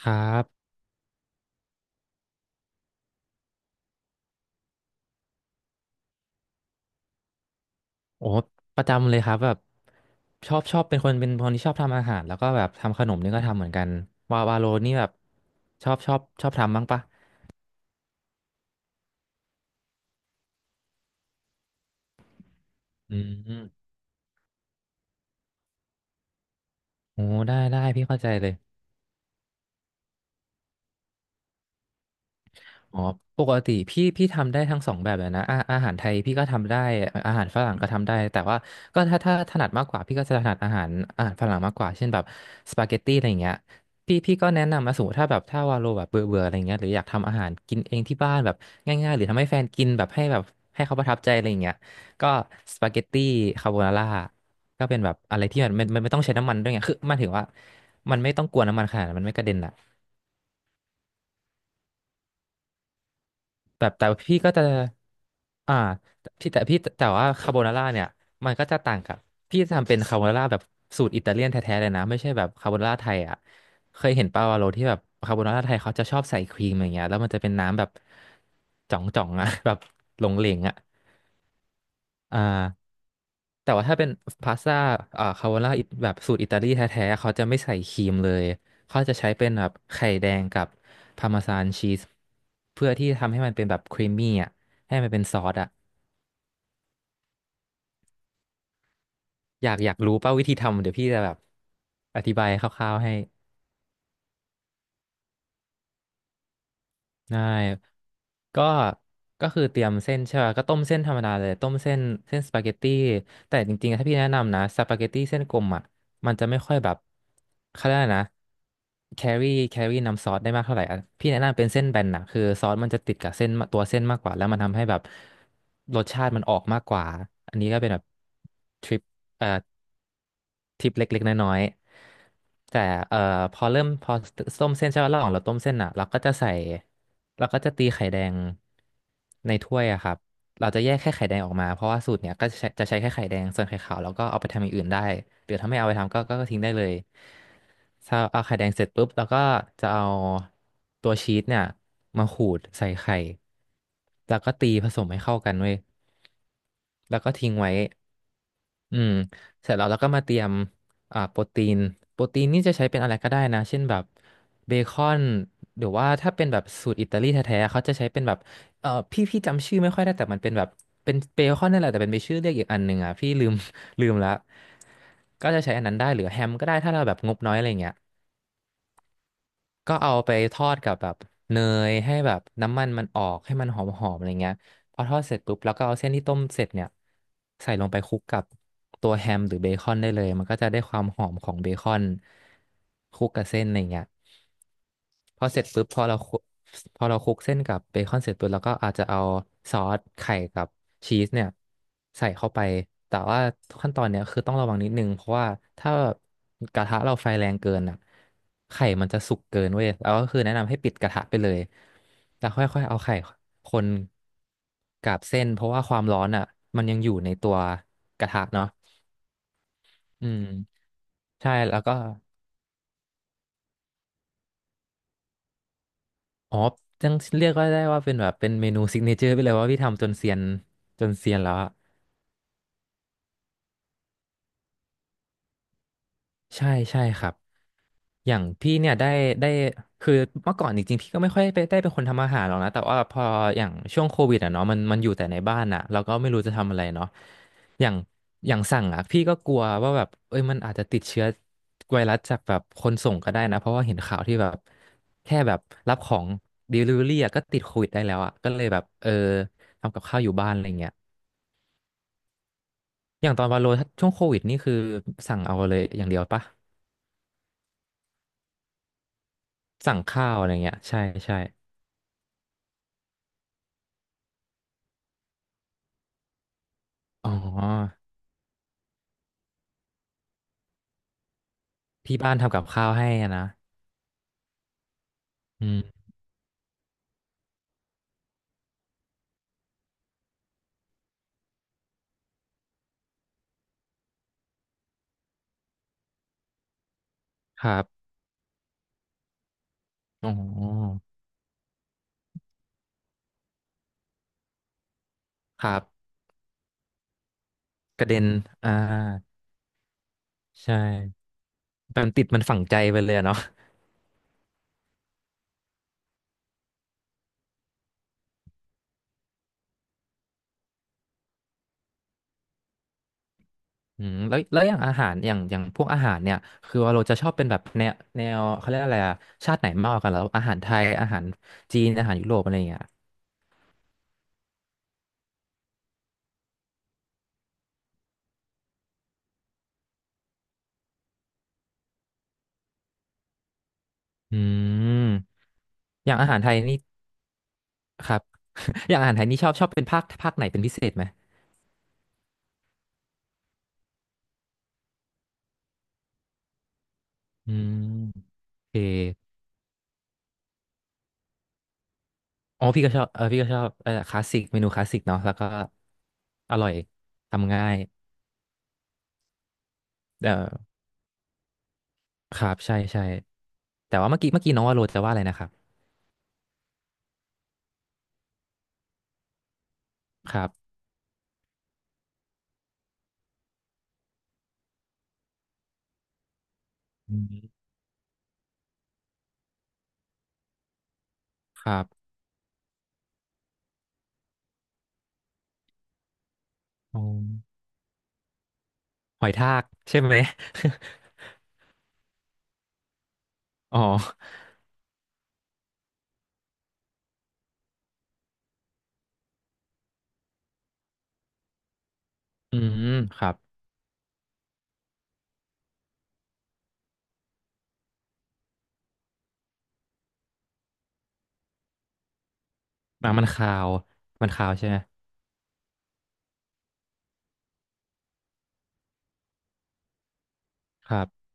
ครับโอ้ประจำเลยครับแบบชอบเป็นคนที่ชอบทำอาหารแล้วก็แบบทำขนมนี่ก็ทำเหมือนกันวาโลนี่แบบชอบทำบ้างปะอืมโอ้ได้พี่เข้าใจเลย อ๋อปกติพี่ทำได้ทั้งสองแบบเลยนะอาหารไทยพี่ก็ทำได้อาหารฝรั่งก็ทำได้แต่ว่าก็ถ้าถนัดมากกว่าพี่ก็จะถนัดอาหารฝรั่งมากกว่าเช่นแบบสปาเกตตี้อะไรอย่างเงี้ยพี่ก็แนะนำมาสูมถ้าแบบถ้าวาโลแบบเบื่อเบื่ออะไรเงี้ยหรืออยากทำอาหารกินเองที่บ้านแบบง่ายๆหรือทำให้แฟนกินแบบให้แบบให้เขาประทับใจอะไรอย่างเงี้ยก็สปาเกตตี้คาโบนาร่าก็เป็นแบบอะไรที่มันไม่ต้องใช้น้ำมันด้วยไงคือหมันถึงว่ามันไม่ต้องกวนน้ำมันขนาดนั้นมันไม่กระเด็นอ่ะ แบบแต่พี่ก็จะอ่าพี่แต่พี่แต่ว่าคาโบนาร่าเนี่ยมันก็จะต่างกับพี่จะทำเป็นคาโบนาร่าแบบสูตรอิตาเลียนแท้ๆเลยนะไม่ใช่แบบคาโบนาร่าไทยอ่ะเคยเห็นปาวาโลที่แบบคาโบนาร่าไทยเขาจะชอบใส่ครีมอย่างเงี้ยแล้วมันจะเป็นน้ำแบบจ่องๆอ่ะ แบบหลงเหลงอ่ะ อ่าแต่ว่าถ้าเป็นพาสต้าอ่าคาโบนาแบบสูตรอิตาลีแท้ๆเขาจะไม่ใส่ครีมเลยเขาจะใช้เป็นแบบไข่แดงกับพาร์เมซานชีสเพื่อที่ทำให้มันเป็นแบบครีมมี่อ่ะให้มันเป็นซอสอ่ะอยากรู้ป่ะวิธีทำเดี๋ยวพี่จะแบบอธิบายคร่าวๆให้ ได้ก็ก็คือเตรียมเส้นใช่ป่ะก็ต้มเส้นธรรมดาเลยต้มเส้นเส้นสปาเกตตี้แต่จริงๆอะถ้าพี่แนะนำนะสปาเกตตี้เส้นกลมอ่ะมันจะไม่ค่อยแบบเขาเรียกอะไรนะแครี่น้ำซอสได้มากเท่าไหร่อะพี่แนะนำเป็นเส้นแบนนะคือซอสมันจะติดกับเส้นาตัวเส้นมากกว่าแล้วมันทำให้แบบรสชาติมันออกมากกว่าอันนี้ก็เป็นแบบทริป เอ่อทิปเล็กๆน้อยๆแต่เอ่อพอเริ่มพอต้มเส้นใช่ไหมระหว่างเราต้มเส้นอ่ะเราก็จะตีไข่แดงในถ้วยอะครับเราจะแยกแค่ไข่แดงออกมาเพราะว่าสูตรเนี้ยก็จะใช้แค่ไข่แดงส่วนไข่ขาวเราก็เอาไปทำอย่างอื่นได้หรือถ้าไม่เอาไปทำก็ทิ้งได้เลยถ้าเอาไข่แดงเสร็จปุ๊บเราก็จะเอาตัวชีสเนี่ยมาขูดใส่ไข่แล้วก็ตีผสมให้เข้ากันเว้ยแล้วก็ทิ้งไว้ อืมเสร็จแล้วเราก็มาเตรียมอ่าโปรตีนโปรตีนนี่จะใช้เป็นอะไรก็ได้นะเช่นแบบเบคอนหรือว่าถ้าเป็นแบบสูตรอิตาลีแท้ๆเขาจะใช้เป็นแบบเออพี่จำชื่อไม่ค่อยได้แต่มันเป็นแบบเป็นเบคอนนั่นแหละแต่เป็นไปชื่อเรียกอีกอันหนึ่งอ่ะพี่ลืม ลืมละก็จะใช้อันนั้นได้หรือแฮมก็ได้ถ้าเราแบบงบน้อยอะไรเงี้ย ก็เอาไปทอดกับแบบเนยให้แบบน้ำมันมันออกให้มันหอมๆอะไรเงี้ยพอทอดเสร็จปุ๊บแล้วก็เอาเส้นที่ต้มเสร็จเนี่ยใส่ลงไปคลุกกับตัวแฮมหรือเบคอนได้เลยมันก็จะได้ความหอมของเบคอนคลุกกับเส้นอะไรเงี้ย พอเสร็จปุ๊บพอเราคลุกเส้นกับเบคอนเสร็จปุ๊บเราก็อาจจะเอาซอสไข่กับชีสเนี่ยใส่เข้าไปแต่ว่าขั้นตอนเนี่ยคือต้องระวังนิดนึงเพราะว่าถ้ากระทะเราไฟแรงเกินอ่ะไข่มันจะสุกเกินเว้ยแล้วก็คือแนะนำให้ปิดกระทะไปเลยแล้วค่อยๆเอาไข่คนกับเส้นเพราะว่าความร้อนอ่ะมันยังอยู่ในตัวกระทะเนาะอืมใช่แล้วก็ อ๋อยังเรียกว่าได้ว่าเป็นแบบเป็นเมนูซิกเนเจอร์ไปเลยว่าพี่ทำจนเซียนแล้วอะใช่ใช่ครับอย่างพี่เนี่ยได้คือเมื่อก่อนจริงๆพี่ก็ไม่ค่อยไปได้เป็นคนทำอาหารหรอกนะแต่ว่าพออย่างช่วงโควิดอ่ะเนาะมันอยู่แต่ในบ้านอ่ะเราก็ไม่รู้จะทำอะไรเนาะอย่างอย่างสั่งอ่ะพี่ก็กลัวว่าแบบเอ้ยมันอาจจะติดเชื้อไวรัสจากแบบคนส่งก็ได้นะเพราะว่าเห็นข่าวที่แบบแค่แบบรับของ Delivery อะก็ติดโควิดได้แล้วอ่ะก็เลยแบบทำกับข้าวอยู่บ้านอะไรเงี้ย อย่างตอนวาโลถ้าช่วงโควิดนี่คือสั่งเอาเลยอย่างเดียวปะสั่งข้าวอะไรเงี้ยใช่ใช่อ๋อที่บ้านทำกับข้าวให้อะนะอืมครับอ๋อครับกระเด็นอ่าใช่แบบติดมันฝังใจไปเลยอะเนาะอืมแล้วอย่างอาหารอย่างพวกอาหารเนี่ยคือวาโาจะชอบเป็นแบบแนวเขาเรียกอะไรอะชาติไหนมากกว่ากันแล้วอาหารไทยอาหารจีนอาหารยุโรปอะไรอย่างเงี้ยอืมอย่างอาหารไทยนี่ ครับ อย่างอาหารไทยนี่ชอบเป็นภาคไหนเป็นพิเศษไหม อืมโอเคอ๋อพี่ก็ชอบเออพี่ก็ชอบเออคลาสสิกเมนูคลาสสิกเนาะแล้วก็อร่อย ทำง่ายเออครับใช่ใช่ แต่ว่าเมื่อกี้น้องว่าโรจะว่าอะไรนะครับ ครับอืมครับอ๋อหอยทากใช่ไหม อ๋ออืมครับอ่ะมันคาวมันคาวใช่ไหมครับ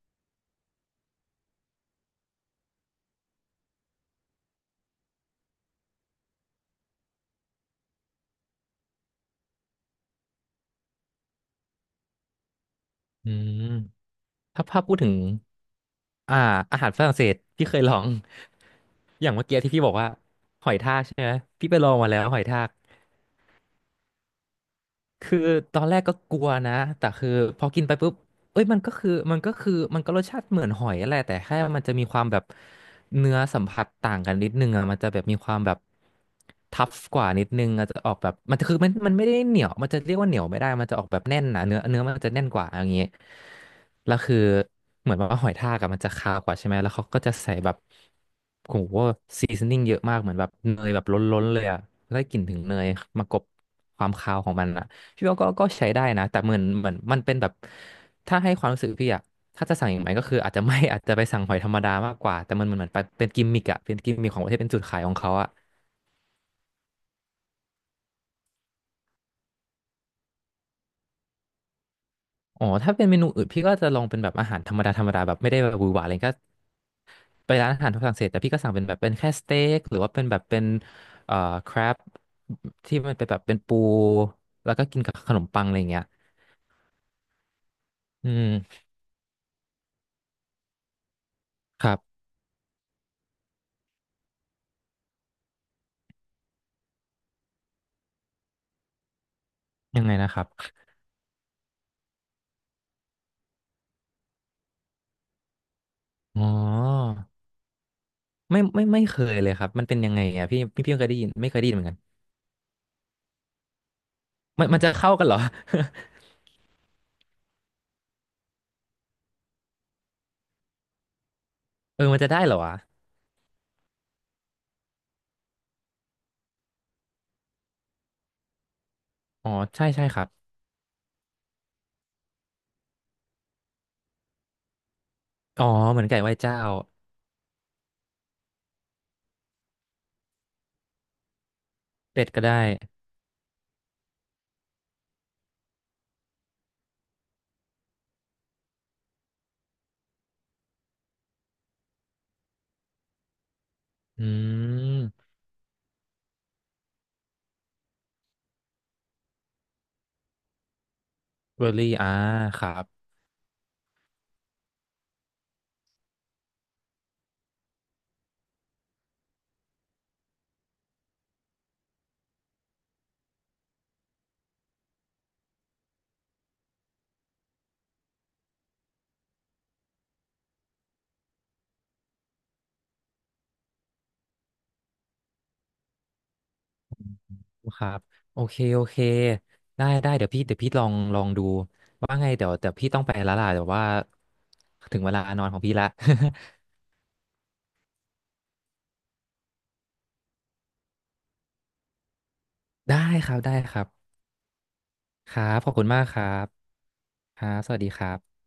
อืมถ้าภาพพูดถึง อ่าอาหารฝรั่งเศสพี่เคยลอง อย่างเมื่อกี้ที่พี่บอกว่าหอยทากใช่ไหมพี่ไปลองมาแล้วหอยทาก คือตอนแรกก็กลัวนะ แต่คือพอกินไปปุ๊บเอ้ยมันก็รสชาติเหมือนหอยแหละแต่แค่มันจะมีความแบบเนื้อสัมผัสต่างกันนิดนึงอ่ะมันจะแบบมีความแบบทัฟกว่านิดนึงอาจจะออกแบบมันจะคือมันไม่ได้เหนียวมันจะเรียกว่าเหนียวไม่ได้มันจะออกแบบแน่นนะเนื้อมันจะแน่นกว่าอย่างงี้แล้วคือเหมือนแบบว่าหอยทากอะมันจะคาวกว่าใช่ไหมแล้วเขาก็จะใส่แบบโหซีซนนิ่งเยอะมากเหมือนแบบเนยแบบล้นๆเลยอ่ะได้กลิ่นถึงเนยมากลบความคาวของมันอะ พี่ว่าก็ใช้ได้นะแต่เหมือนมันเป็นแบบถ้าให้ความรู้สึกพี่อะถ้าจะสั่งอย่างไรก็คืออาจจะไม่ อาจจะไปสั่งหอยธรรมดามากกว่าแต่มันเหมือนเหมือนปเป็นกิมมิกอะเป็นกิมมิกของประเทศเป็นจุดขายของเขาอะอ๋อถ้าเป็นเมนูอื่นพี่ก็จะลองเป็นแบบอาหารธรรมดาแบบไม่ได้แบบหวือหวาอะไรก็ไปร้านอาหารฝรั่งเศสแต่พี่ก็สั่งเป็นแบบเป็นแค่สเต็กหรือว่าเป็นแบบเป็นเอ่อครบที่มันเป็นแบบเป็นปูแล้วก็กินกับขนมปังอะไรอย่างเงี้ยอืมครับยังไงนะครับอ๋อ ไม่เคยเลยครับมันเป็นยังไงอ่ะพี่เคยได้ยินไม่เคยได้ยินเหมือนกันมันจะเข้ากันเหรอ เออมันจะได้เหรอวะอ๋อใช่ใช่ครับอ๋อเหมือนไก่ไหว้เจ้าเป็ดก็ได้อืมเบอร์รี่อ่าครับครับโอเคโอเคได้ได้เดี๋ยวพี่ลองดูว่าไงเดี๋ยวพี่ต้องไปแล้วล่ะเดี๋ยวว่าถึงเวลานอนของพี่ละ ได้ครับได้ครับครับขอบคุณมากครับครับสวัสดีครับ